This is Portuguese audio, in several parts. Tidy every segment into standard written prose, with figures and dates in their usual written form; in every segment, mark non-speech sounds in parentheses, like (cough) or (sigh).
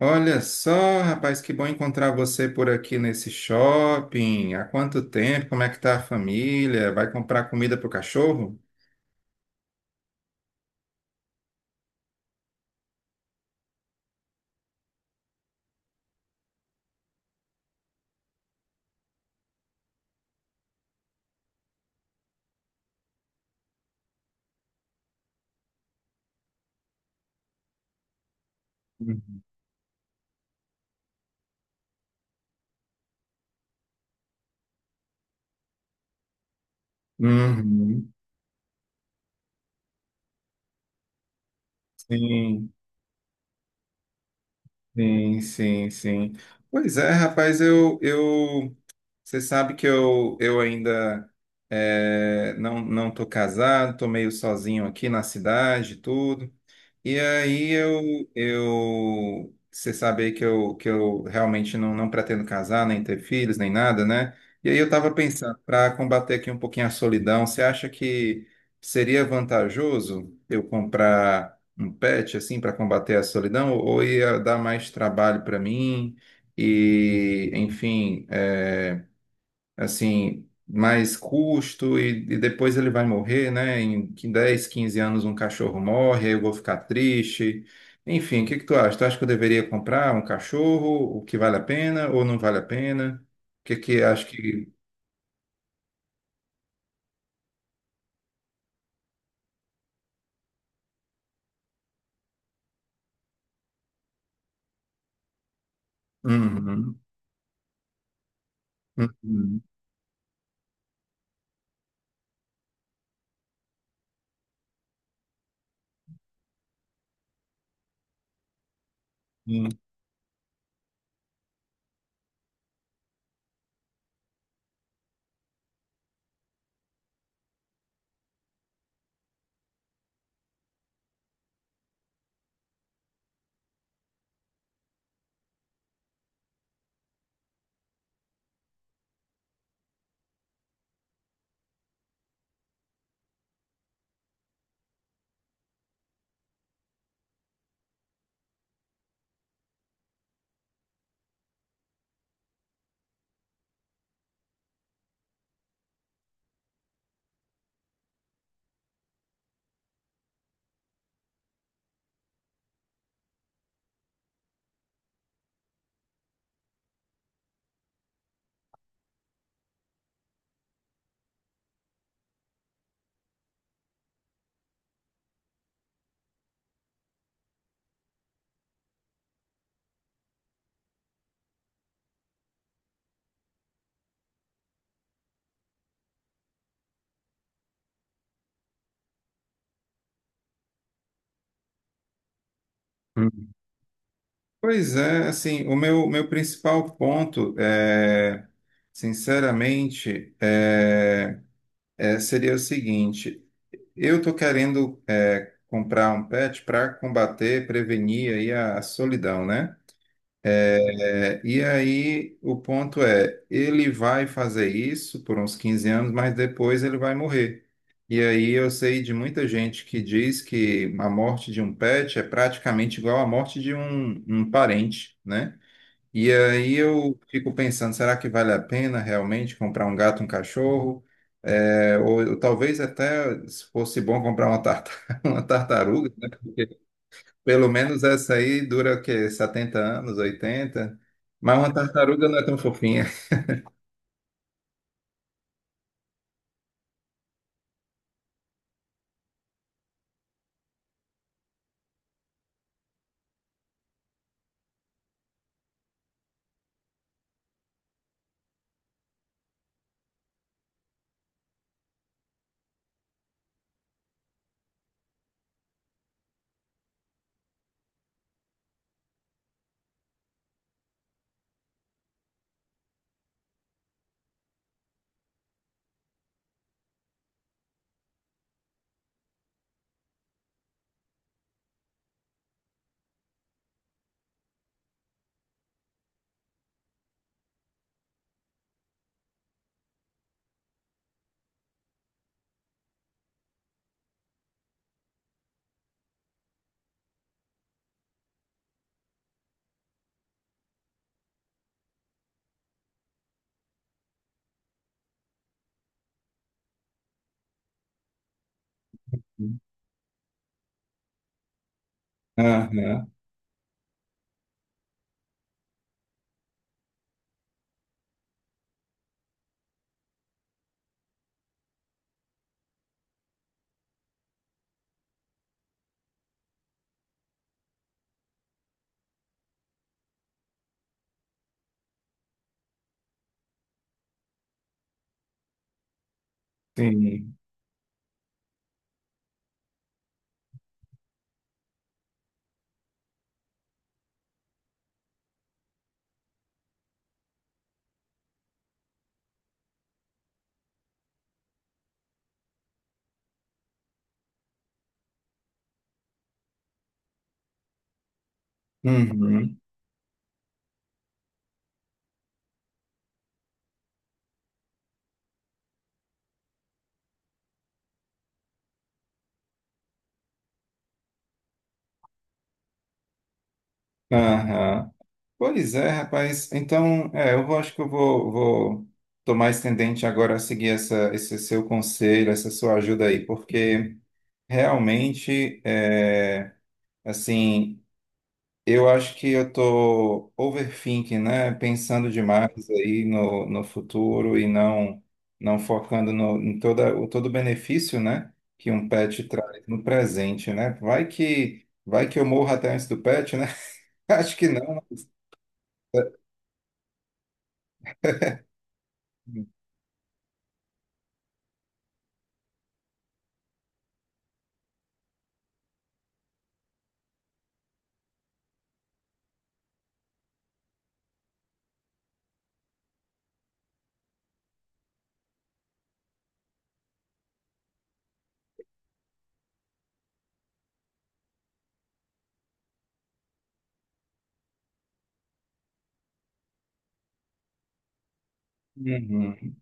Olha só, rapaz, que bom encontrar você por aqui nesse shopping. Há quanto tempo? Como é que tá a família? Vai comprar comida pro cachorro? Uhum. Uhum. Sim, sim, sim, sim. Pois é, rapaz, eu, você sabe que eu ainda não tô casado, tô meio sozinho aqui na cidade, e tudo. E aí eu, você sabe aí que que eu realmente não pretendo casar, nem ter filhos, nem nada, né? E aí eu estava pensando, para combater aqui um pouquinho a solidão, você acha que seria vantajoso eu comprar um pet assim para combater a solidão, ou ia dar mais trabalho para mim? E, enfim, é, assim, mais custo e depois ele vai morrer, né? Em 10 15 anos um cachorro morre, aí eu vou ficar triste. Enfim, o que que tu acha? Tu acha que eu deveria comprar um cachorro, o que vale a pena ou não vale a pena? O que que acho que... Uhum, uhum, uhum. Pois é, assim, o meu principal ponto é, sinceramente, seria o seguinte, eu tô querendo é, comprar um pet para combater, prevenir aí a solidão, né? É, e aí o ponto é, ele vai fazer isso por uns 15 anos, mas depois ele vai morrer. E aí eu sei de muita gente que diz que a morte de um pet é praticamente igual à morte de um parente, né? E aí eu fico pensando, será que vale a pena realmente comprar um gato, um cachorro? É, ou talvez até se fosse bom comprar uma, (laughs) uma tartaruga, né? Porque pelo menos essa aí dura o quê? 70 anos, 80. Mas uma tartaruga não é tão fofinha. (laughs) Aham, sim. Uhum, aham. Pois é, rapaz. Então, é, acho que eu vou tomar esse tendente agora a seguir essa, esse seu conselho, essa sua ajuda aí, porque. Realmente, é, assim, eu acho que eu tô overthinking, né? Pensando demais aí no futuro e não focando no, em toda, o todo o benefício, né? Que um pet traz no presente, né? Vai que eu morro até antes do pet, né? (laughs) Acho que não. Mas, é, hum. Uhum,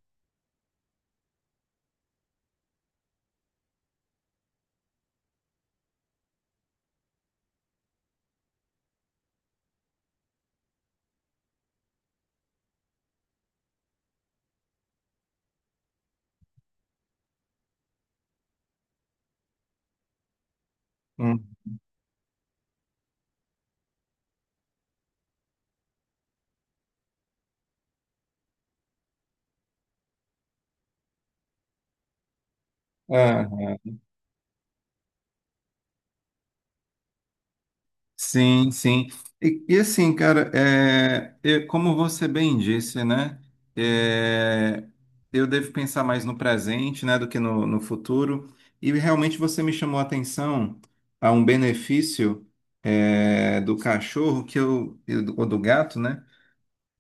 uhum. Aham. Sim, sim. E assim, cara, é, como você bem disse, né? É, eu devo pensar mais no presente, né, do que no futuro. E realmente você me chamou a atenção a um benefício, é, do cachorro que eu, ou do gato, né?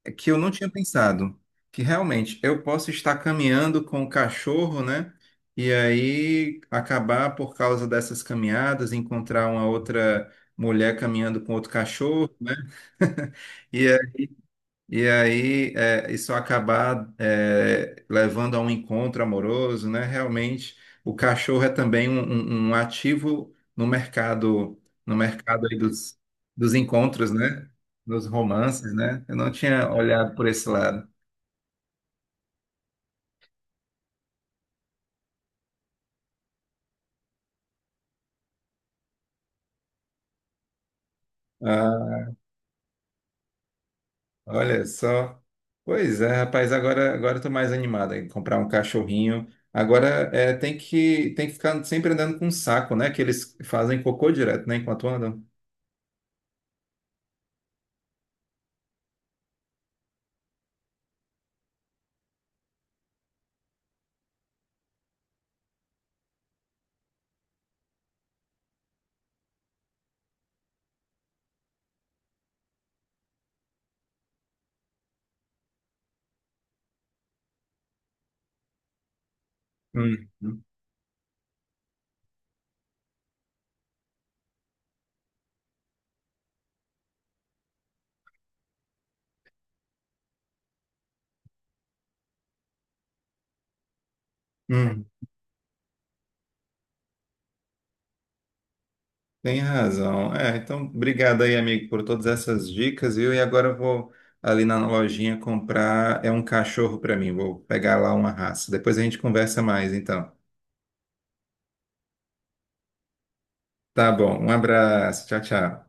É que eu não tinha pensado, que realmente eu posso estar caminhando com o cachorro, né? E aí acabar por causa dessas caminhadas, encontrar uma outra mulher caminhando com outro cachorro, né? (laughs) E e aí, é, isso acabar, é, levando a um encontro amoroso, né? Realmente, o cachorro é também um ativo no mercado, aí dos encontros, né? Dos romances, né? Eu não tinha olhado por esse lado. Ah, olha só. Pois é, rapaz, agora eu tô mais animado em comprar um cachorrinho. Agora é, tem que ficar sempre andando com um saco, né? Que eles fazem cocô direto, né? Enquanto andam. Hum. Hum. Tem razão. É, então, obrigado aí, amigo, por todas essas dicas, viu? E agora eu vou ali na lojinha comprar, é um cachorro para mim, vou pegar lá uma raça. Depois a gente conversa mais, então. Tá bom, um abraço, tchau, tchau.